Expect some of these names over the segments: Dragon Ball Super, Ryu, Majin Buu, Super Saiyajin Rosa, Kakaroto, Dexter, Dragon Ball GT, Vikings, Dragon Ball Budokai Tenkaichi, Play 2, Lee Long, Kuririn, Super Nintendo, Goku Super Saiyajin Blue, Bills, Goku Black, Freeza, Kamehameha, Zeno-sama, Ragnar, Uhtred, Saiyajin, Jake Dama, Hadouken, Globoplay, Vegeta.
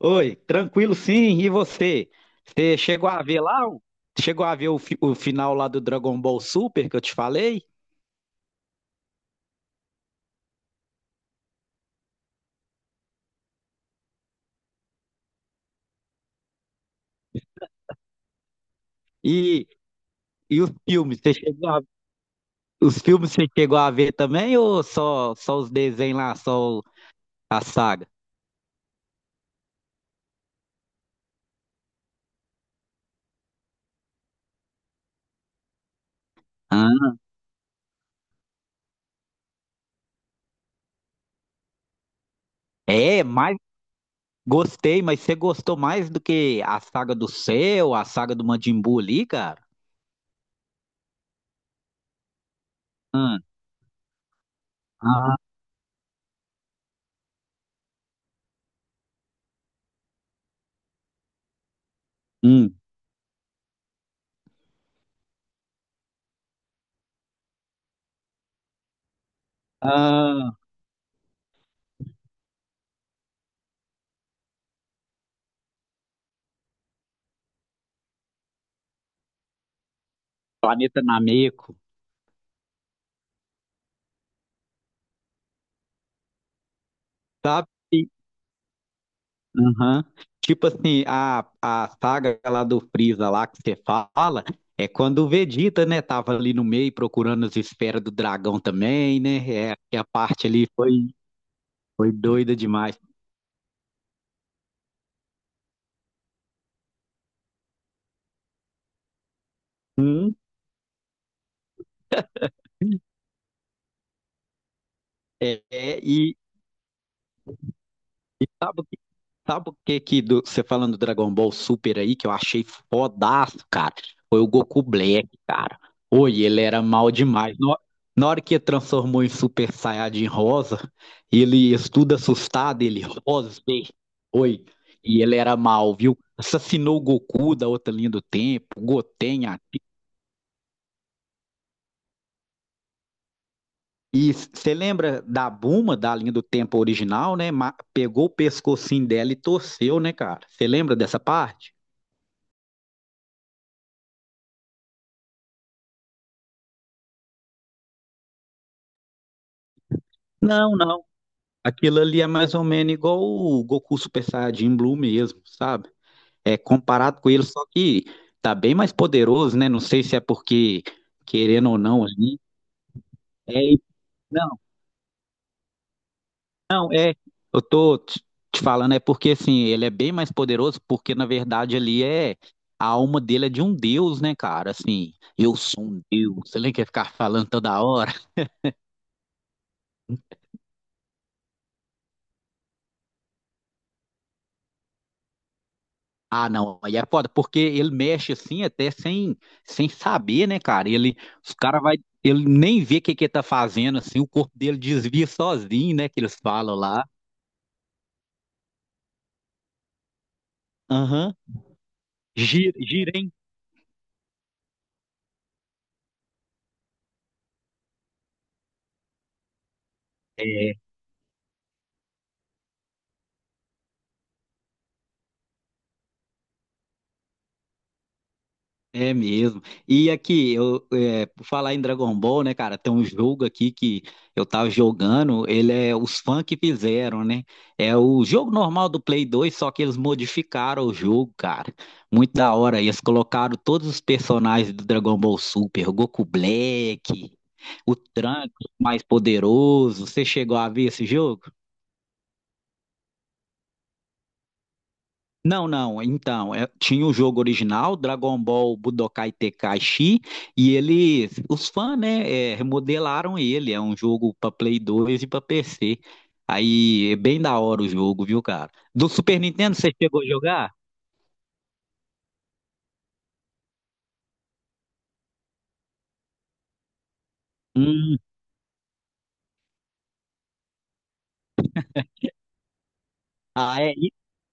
Oi, tranquilo sim. E você? Você chegou a ver lá? Chegou a ver o final lá do Dragon Ball Super que eu te falei? E, e os filmes? Os filmes você chegou a ver também ou só os desenhos lá, a saga? Ah, é, mas gostei, mas você gostou mais do que a saga do Cell, a saga do Majin Buu ali, cara? Ah, ah, hum, ah, planeta Nameco, sabe? Aham. Tipo assim, a saga lá do Freeza lá que você fala, é quando o Vegeta, né, tava ali no meio procurando as esferas do dragão também, né? É, que a parte ali foi doida demais. Hum, é, é, e, E sabe, sabe o que que do- você falando do Dragon Ball Super aí, que eu achei fodaço, cara? Foi o Goku Black, cara. Oi, ele era mal demais. Na hora que ele transformou em Super Saiyajin Rosa, ele estuda assustado, ele, Rosbei. Oi, e ele era mal, viu? Assassinou o Goku da outra linha do tempo, Goten, a e você lembra da Buma da linha do tempo original, né? Pegou o pescocinho dela e torceu, né, cara? Você lembra dessa parte? Não, não. Aquilo ali é mais ou menos igual o Goku Super Saiyajin Blue mesmo, sabe? É comparado com ele, só que tá bem mais poderoso, né? Não sei se é porque, querendo ou não, ali. É, não, não, é. Eu tô te falando, é porque assim, ele é bem mais poderoso, porque na verdade ali é. A alma dele é de um deus, né, cara? Assim, eu sou um deus. Você nem quer ficar falando toda hora. Ah, não, aí é foda, porque ele mexe assim até sem saber, né, cara? Ele, os cara vai, ele nem vê o que que ele tá fazendo, assim, o corpo dele desvia sozinho, né, que eles falam lá. Aham. Gira, gira, hein? É. É mesmo. E aqui, eu, é, por falar em Dragon Ball, né, cara, tem um jogo aqui que eu tava jogando, ele é os fãs que fizeram, né? É o jogo normal do Play 2, só que eles modificaram o jogo, cara. Muito da hora. Eles colocaram todos os personagens do Dragon Ball Super, o Goku Black, o Trunks mais poderoso. Você chegou a ver esse jogo? Não, não. Então, tinha o jogo original, Dragon Ball Budokai Tenkaichi, e eles, os fãs, né, remodelaram ele. É um jogo para Play 2 e para PC. Aí é bem da hora o jogo, viu, cara? Do Super Nintendo você chegou a jogar? Hum, ah, é.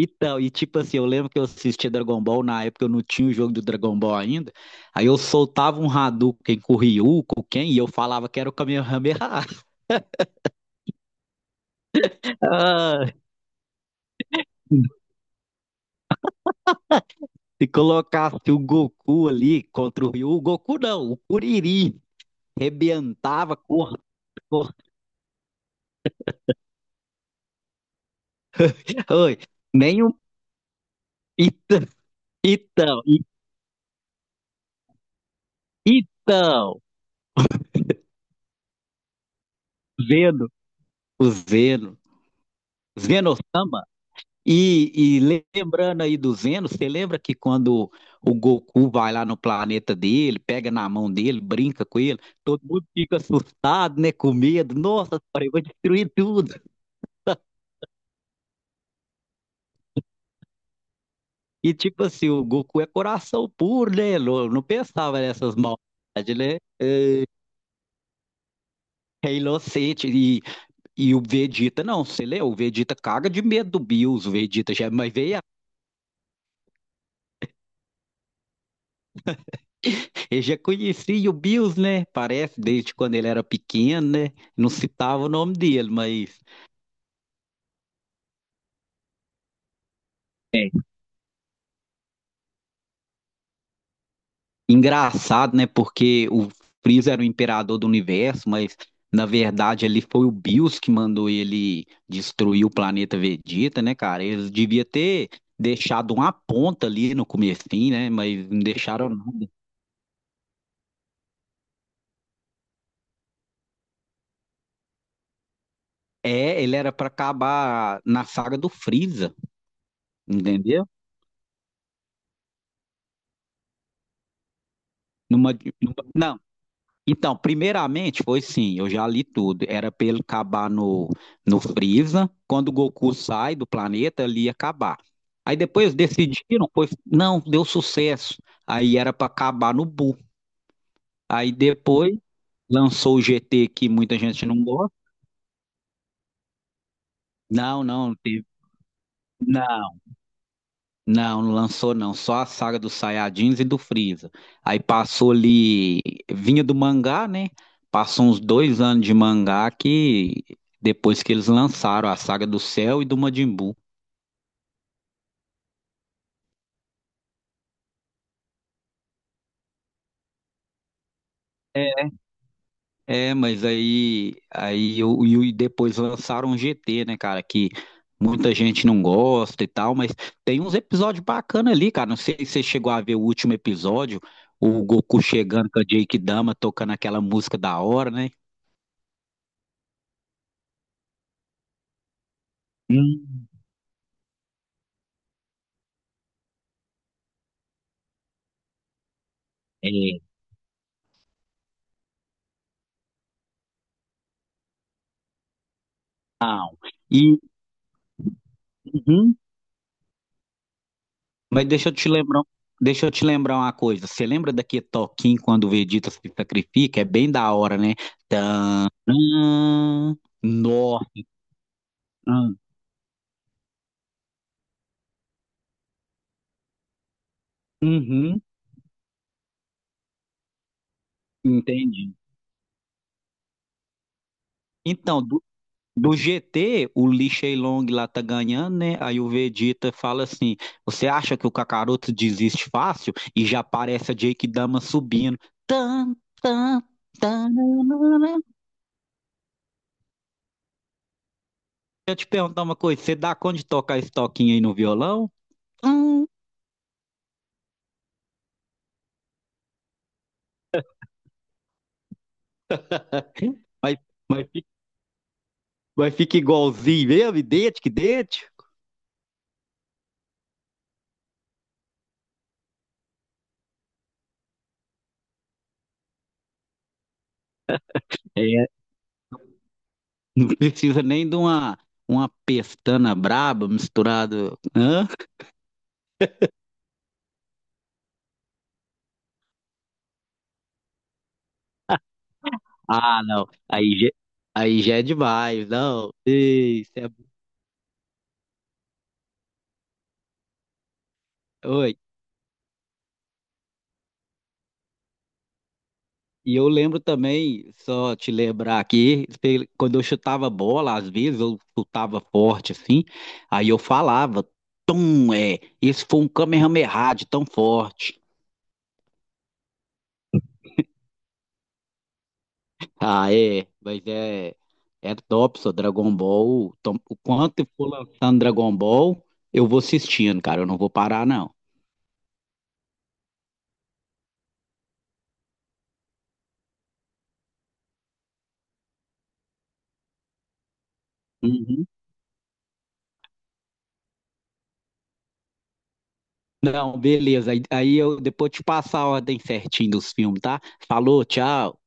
Então, e tipo assim, eu lembro que eu assistia Dragon Ball, na época eu não tinha o jogo do Dragon Ball ainda. Aí eu soltava um Hadouken com o Ryu, com quem, e eu falava que era o Kamehameha. Ah. Se colocasse o Goku ali contra o Ryu, o Goku não, o Kuririn rebentava, corta, corta. Oi, nem um. Ita- Então, i- então, Zeno, o Zeno, Zeno-sama. E, e lembrando aí do Zeno, você lembra que quando o Goku vai lá no planeta dele, pega na mão dele, brinca com ele, todo mundo fica assustado, né, com medo. Nossa, cara, eu vou destruir tudo. E tipo assim, o Goku é coração puro, né? Não, não pensava nessas maldades, né? É inocente. E o Vegeta, não, você lê? O Vegeta caga de medo do Bills. O Vegeta já, mas veio, ele já conhecia o Bills, né? Parece, desde quando ele era pequeno, né? Não citava o nome dele, mas engraçado, né? Porque o Freeza era o imperador do universo, mas na verdade ali foi o Bills que mandou ele destruir o planeta Vegeta, né, cara? Eles devia ter deixado uma ponta ali no comecinho, né? Mas não deixaram nada. É, ele era pra acabar na saga do Freeza, entendeu? Numa, numa- Então, primeiramente foi sim, eu já li tudo. Era pra ele acabar no Freeza. Quando o Goku sai do planeta, ele ia acabar. Aí depois decidiram, foi, não, deu sucesso. Aí era pra acabar no Buu. Aí depois lançou o GT que muita gente não gosta. Não, não, teve. Não. Não, não lançou não, só a saga dos Saiyajins e do Freeza. Aí passou ali, vinha do mangá, né? Passou uns 2 anos de mangá que depois que eles lançaram a saga do Cell e do Majin Buu. É, mas aí eu, e depois lançaram o GT, né, cara, que muita gente não gosta e tal, mas tem uns episódios bacanas ali, cara. Não sei se você chegou a ver o último episódio, o Goku chegando com a Jake Dama tocando aquela música da hora, né? Hum. É, não. E, uhum, mas deixa eu te lembrar, um, deixa eu te lembrar uma coisa. Você lembra daquele toquinho quando o Vegeta se sacrifica? É bem da hora, né? Tanã. Nó. Hum. Uhum, entendi. Então, do GT, o Lee Long lá tá ganhando, né? Aí o Vegeta fala assim: Você acha que o Kakaroto desiste fácil? E já aparece a Jake Dama subindo. Tan, tan, tan, eu te perguntar uma coisa, você dá conta de tocar esse toquinho aí no violão? Hum. Mas, mas, fica, mas fica igualzinho mesmo, idêntico, idêntico. É. Não precisa nem de uma pestana braba misturada. Hã? Ah, não. Aí já é demais, não. Ei, isso é... Oi. E eu lembro também, só te lembrar aqui, quando eu chutava bola, às vezes eu chutava forte assim, aí eu falava, tum, é, esse foi um Kamehameha de tão forte. Ah, é, mas é top, só Dragon Ball. O quanto eu for lançando Dragon Ball, eu vou assistindo, cara, eu não vou parar, não. Uhum. Não, beleza, aí eu depois te passo a ordem certinho dos filmes, tá? Falou, tchau.